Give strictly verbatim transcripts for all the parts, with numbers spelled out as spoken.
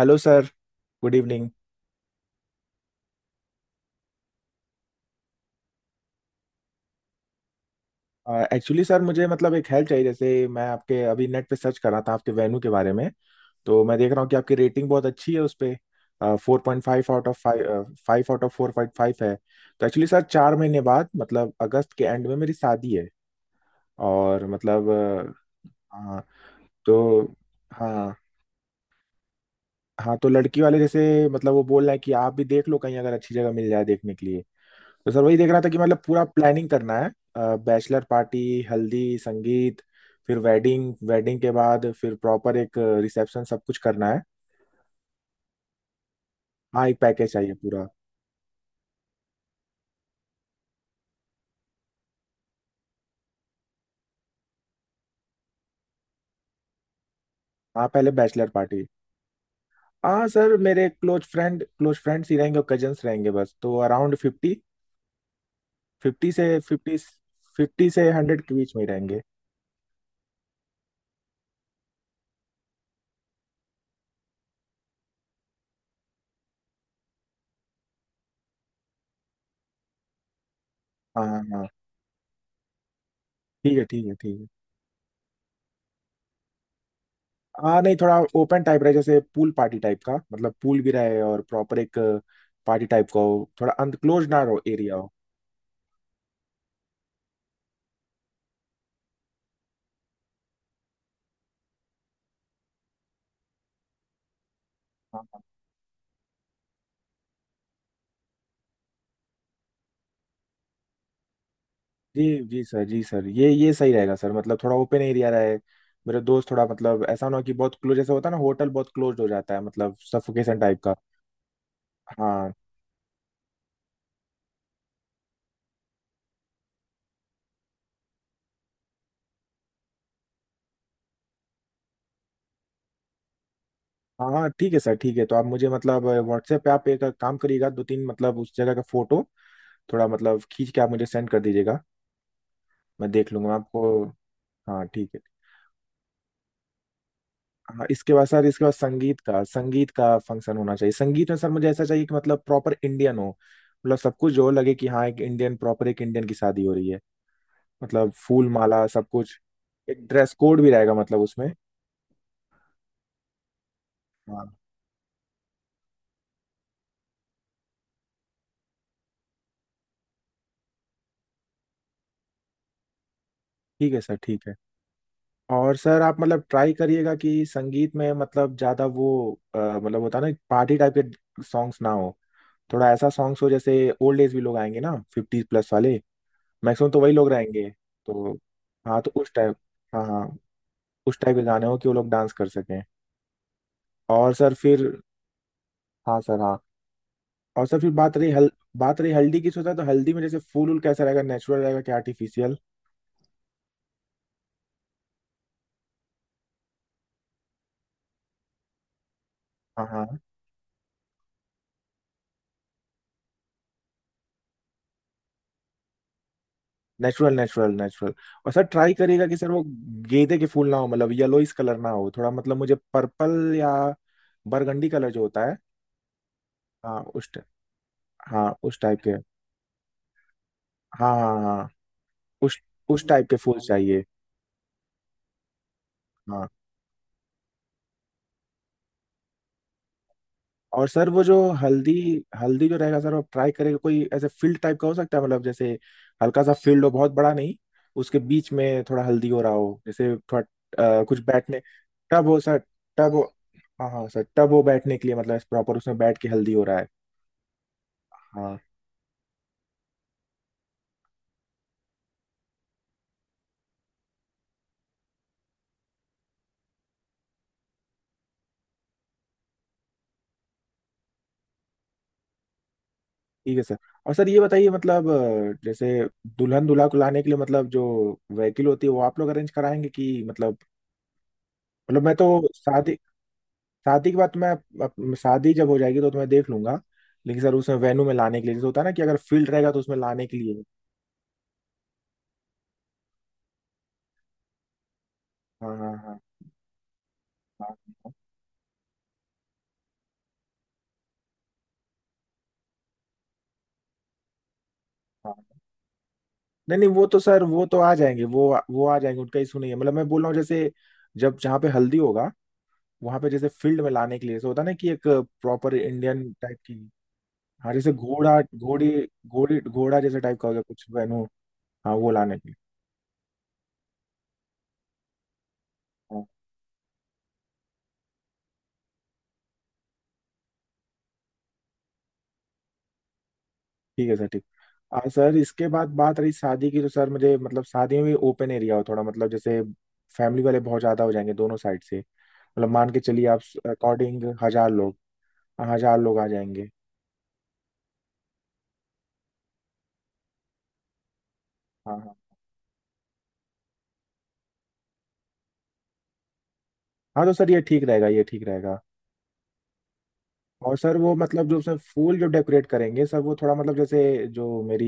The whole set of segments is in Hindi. Hello sir. Good evening. Actually sir मुझे मतलब एक हेल्प चाहिए, जैसे मैं आपके अभी नेट पे सर्च कर रहा था आपके वेन्यू के बारे में। तो मैं देख रहा हूँ कि आपकी रेटिंग बहुत अच्छी है उस पे। Four point five out of five, five out of four point five है। तो एक्चुअली सर चार महीने बाद मतलब अगस्त के एंड में मेरी शादी है। और मतलब अ, हाँ। तो। हाँ। हाँ तो लड़की वाले जैसे मतलब वो बोल रहे हैं कि आप भी देख लो, कहीं अगर अच्छी जगह मिल जाए देखने के लिए। तो सर वही देख रहा था कि मतलब पूरा प्लानिंग करना है। बैचलर पार्टी, हल्दी, संगीत, फिर वेडिंग, वेडिंग के बाद फिर प्रॉपर एक रिसेप्शन, सब कुछ करना है। हाँ, एक पैकेज चाहिए पूरा। हाँ, पहले बैचलर पार्टी। हाँ सर, मेरे क्लोज फ्रेंड क्लोज फ्रेंड्स ही रहेंगे और कजन्स रहेंगे बस। तो अराउंड फिफ्टी। फिफ्टी से फिफ्टी फिफ्टी से हंड्रेड के बीच में ही रहेंगे। हाँ हाँ हाँ। ठीक है ठीक है ठीक है। हाँ नहीं, थोड़ा ओपन टाइप रहे, जैसे पूल पार्टी टाइप का, मतलब पूल भी रहे और प्रॉपर एक पार्टी टाइप का हो, थोड़ा अनक्लोज ना रहो एरिया हो। हाँ, हाँ। जी। जी सर, जी सर, ये ये सही रहेगा सर, मतलब थोड़ा ओपन एरिया रहे। मेरे दोस्त थोड़ा, मतलब ऐसा ना हो कि बहुत क्लोज, जैसे होता है ना, होटल बहुत क्लोज हो जाता है, मतलब सफोकेशन टाइप का। हाँ हाँ हाँ, ठीक है सर ठीक है। तो आप मुझे मतलब व्हाट्सएप पे आप एक काम करिएगा, दो तीन मतलब उस जगह का फोटो थोड़ा मतलब खींच के आप मुझे सेंड कर दीजिएगा। मैं देख लूंगा आपको। हाँ ठीक है। हाँ इसके बाद सर, इसके बाद संगीत का संगीत का फंक्शन होना चाहिए। संगीत में सर मुझे ऐसा चाहिए कि मतलब प्रॉपर इंडियन हो, मतलब सब कुछ जो लगे कि हाँ, एक इंडियन, प्रॉपर एक इंडियन की शादी हो रही है, मतलब फूल माला सब कुछ। एक ड्रेस कोड भी रहेगा मतलब उसमें। हाँ ठीक है सर ठीक है। और सर आप मतलब ट्राई करिएगा कि संगीत में मतलब ज़्यादा वो अ, मतलब होता है ना पार्टी टाइप के सॉन्ग्स ना हो, थोड़ा ऐसा सॉन्ग्स हो जैसे, ओल्ड एज भी लोग आएंगे ना, फिफ्टी प्लस वाले। मैक्सिमम तो वही लोग रहेंगे तो। हाँ तो उस टाइप, हाँ हाँ उस टाइप के गाने हो कि वो लोग डांस कर सकें। और सर फिर, हाँ सर हाँ। और सर फिर बात रही हल बात रही हल्दी की, सोचा तो हल्दी में जैसे फूल वूल कैसा रहेगा, नेचुरल रहेगा कि आर्टिफिशियल? हाँ हाँ, नेचुरल नेचुरल नेचुरल। और सर ट्राई करिएगा कि सर वो गेंदे के फूल ना हो, मतलब येलोइस कलर ना हो, थोड़ा मतलब मुझे पर्पल या बरगंडी कलर जो होता है। हाँ उस टा- हाँ उस टाइप के, हाँ हाँ हाँ उस उस टाइप के फूल चाहिए। हाँ। और सर वो जो हल्दी, हल्दी जो रहेगा सर आप ट्राई करेगा कोई ऐसे फील्ड टाइप का हो सकता है मतलब जैसे, हल्का सा फील्ड हो बहुत बड़ा नहीं, उसके बीच में थोड़ा हल्दी हो रहा हो जैसे थोड़ा अ, कुछ बैठने, टब हो सर, टब हो। हाँ हाँ सर टब हो बैठने के लिए, मतलब प्रॉपर उसमें बैठ के हल्दी हो रहा है। हाँ ठीक है सर। और सर ये बताइए मतलब अ, जैसे दुल्हन दूल्हा को लाने के लिए मतलब जो व्हीकल होती है वो आप लोग अरेंज कराएंगे कि मतलब, मतलब मैं तो शादी, शादी के बाद तुम्हें अप- शादी जब हो जाएगी तो तुम्हें देख लूंगा, लेकिन सर उसमें वेन्यू में लाने के लिए जैसे होता है ना कि अगर फील्ड रहेगा तो उसमें लाने के लिए। हाँ हाँ हाँ हाँ हाँ हाँ। नहीं नहीं, वो तो सर, वो तो आ जाएंगे, वो वो आ जाएंगे, उनका इशू नहीं है। मतलब मैं बोल रहा हूँ जैसे जब, जहाँ पे हल्दी होगा, वहां पे जैसे फील्ड में लाने के लिए जैसे होता है ना कि एक प्रॉपर इंडियन टाइप की, हाँ जैसे घोड़ा घोड़ी, घोड़ी घोड़ा जैसे टाइप का हो गया कुछ वेन्यू। हाँ वो लाने के लिए। हाँ। ठीक है सर, ठीक। आ, सर इसके बाद बात रही शादी की, तो सर मुझे मतलब शादी में भी ओपन एरिया हो थोड़ा, मतलब जैसे फैमिली वाले बहुत ज्यादा हो जाएंगे दोनों साइड से, मतलब मान के चलिए आप अकॉर्डिंग हजार लोग, हजार लोग आ जाएंगे। हाँ हाँ हाँ, तो सर ये ठीक रहेगा, ये ठीक रहेगा। और सर वो मतलब जो उसमें फूल जो डेकोरेट करेंगे सर वो थोड़ा मतलब जैसे जो मेरी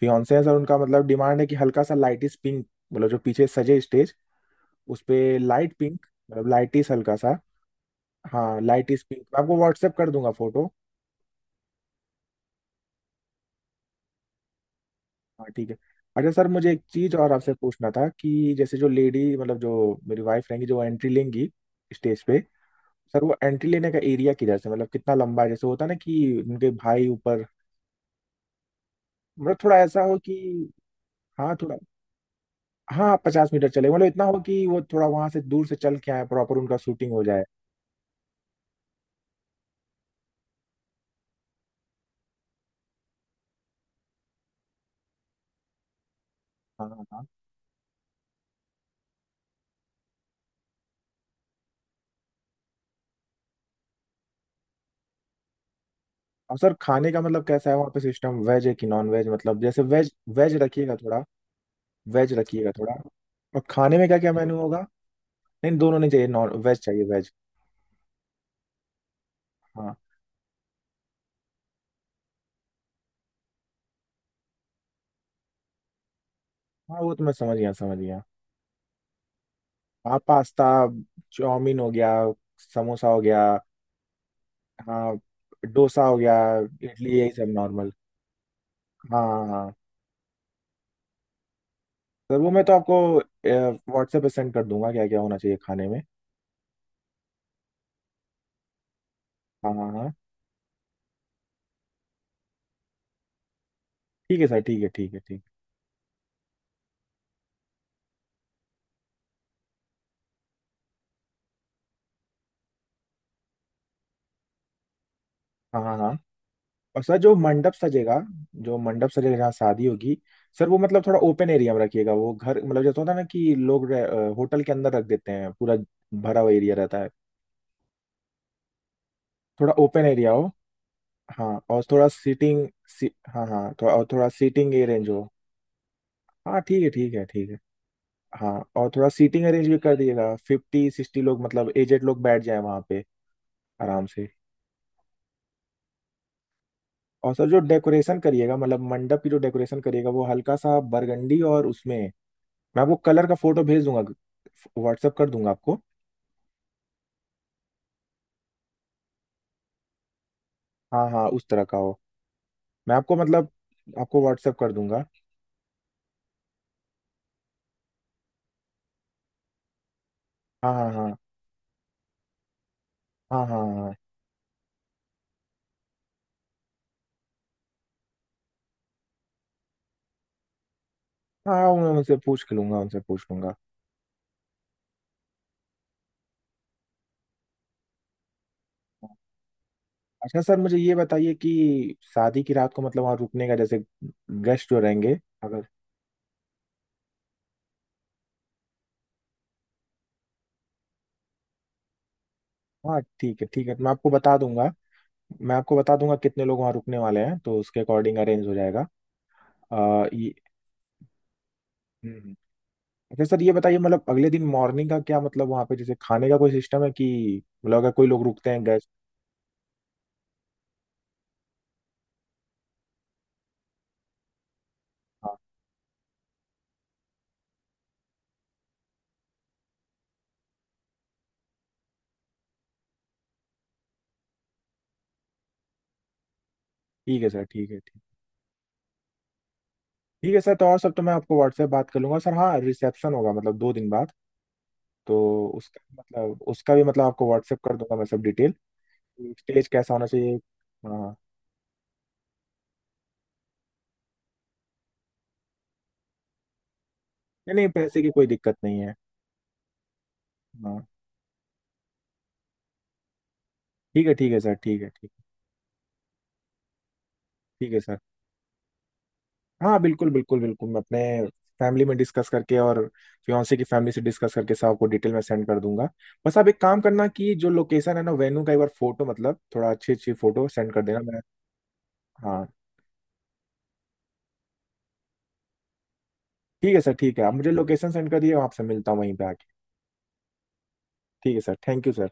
फियांसे है सर, उनका मतलब डिमांड है कि हल्का सा लाइटिस पिंक, मतलब जो पीछे सजे स्टेज उस पे लाइट पिंक, मतलब लाइटिस हल्का सा। हाँ लाइटिस पिंक, मैं आपको व्हाट्सएप कर दूंगा फोटो। हाँ ठीक है। अच्छा सर मुझे एक चीज और आपसे पूछना था कि जैसे जो लेडी मतलब जो मेरी वाइफ रहेंगी जो एंट्री लेंगी स्टेज पे, सर वो एंट्री लेने का एरिया किधर से, मतलब कितना लंबा है, जैसे होता है ना कि उनके भाई ऊपर, मतलब थोड़ा ऐसा हो कि, हाँ थोड़ा, हाँ पचास मीटर चले, मतलब इतना हो कि वो थोड़ा वहां से दूर से चल के आए, प्रॉपर उनका शूटिंग हो जाए। हाँ हाँ हाँ। और सर खाने का मतलब कैसा है वहाँ पे सिस्टम, वेज है कि नॉन वेज, मतलब जैसे वेज। वेज रखिएगा थोड़ा, वेज रखिएगा थोड़ा। और खाने में क्या क्या मेन्यू होगा? नहीं, दोनों नहीं चाहिए, नॉन वेज चाहिए, वेज। हाँ। हाँ वो तो मैं समझ गया, समझ गया। हाँ पास्ता, चाउमीन हो गया, समोसा हो गया। हाँ डोसा हो गया, इडली, यही सब नॉर्मल। हाँ हाँ हाँ। सर वो मैं तो आपको व्हाट्सएप पे सेंड कर दूंगा क्या क्या होना चाहिए खाने में। हाँ हाँ हाँ। ठीक है सर ठीक है ठीक है ठीक। हाँ हाँ हाँ। और सर जो मंडप सजेगा, जो मंडप सजेगा जहाँ शादी होगी, सर वो मतलब थोड़ा ओपन एरिया में रखिएगा, वो घर मतलब जैसे होता है ना कि लोग रह- अ, होटल के अंदर रख देते हैं, पूरा भरा हुआ एरिया रहता है। थोड़ा ओपन एरिया हो। हाँ और थोड़ा सीटिंग सी, हाँ हाँ थोड़ा, और थोड़ा सीटिंग अरेंज हो। हाँ ठीक है ठीक है ठीक है। हाँ और थोड़ा सीटिंग अरेंज भी कर दिएगा, फिफ्टी सिक्सटी लोग मतलब एजेड लोग बैठ जाए वहाँ पे आराम से। और सर जो डेकोरेशन करिएगा मतलब मंडप की जो डेकोरेशन करिएगा वो हल्का सा बरगंडी, और उसमें मैं आपको कलर का फोटो भेज दूंगा, व्हाट्सअप कर दूंगा आपको। हाँ हाँ, उस तरह का हो। मैं आपको मतलब आपको व्हाट्सअप कर दूंगा। हाँ हाँ हाँ हाँ हाँ हाँ हाँ। मैं उनसे पूछ लूंगा, उनसे पूछ लूंगा। अच्छा सर मुझे ये बताइए कि शादी की रात को मतलब वहाँ रुकने का, जैसे गेस्ट जो रहेंगे, अगर। हाँ ठीक है ठीक है, मैं आपको बता दूंगा। मैं आपको बता दूंगा कितने लोग वहाँ रुकने वाले हैं, तो उसके अकॉर्डिंग अरेंज हो जाएगा। आ, ये। हम्म, हम्म। अच्छा सर ये बताइए, मतलब अगले दिन मॉर्निंग का क्या, मतलब वहाँ पे जैसे खाने का कोई सिस्टम है कि, मतलब अगर कोई लोग रुकते हैं गेस्ट। हाँ ठीक है सर ठीक है ठीक। ठीक है सर, तो और सब तो मैं आपको व्हाट्सएप बात कर लूंगा सर। हाँ रिसेप्शन होगा मतलब दो दिन बाद, तो उसका मतलब उसका भी मतलब आपको व्हाट्सएप कर दूंगा मैं सब डिटेल। स्टेज कैसा होना चाहिए। हाँ। नहीं नहीं, पैसे की कोई दिक्कत नहीं है। हाँ ठीक है ठीक है सर ठीक है ठीक है। ठीक है सर। हाँ बिल्कुल बिल्कुल बिल्कुल, मैं अपने फैमिली में डिस्कस करके और फियांसे की फैमिली से डिस्कस करके सब आपको डिटेल में सेंड कर दूंगा। बस आप एक काम करना, कि जो लोकेशन है ना वेन्यू का, एक बार फोटो मतलब थोड़ा अच्छी अच्छी फोटो सेंड कर देना मैं। हाँ ठीक है सर ठीक है। आप मुझे लोकेशन सेंड कर दिए, वहाँ से मिलता हूँ वहीं पे आके। ठीक है सर, थैंक यू सर।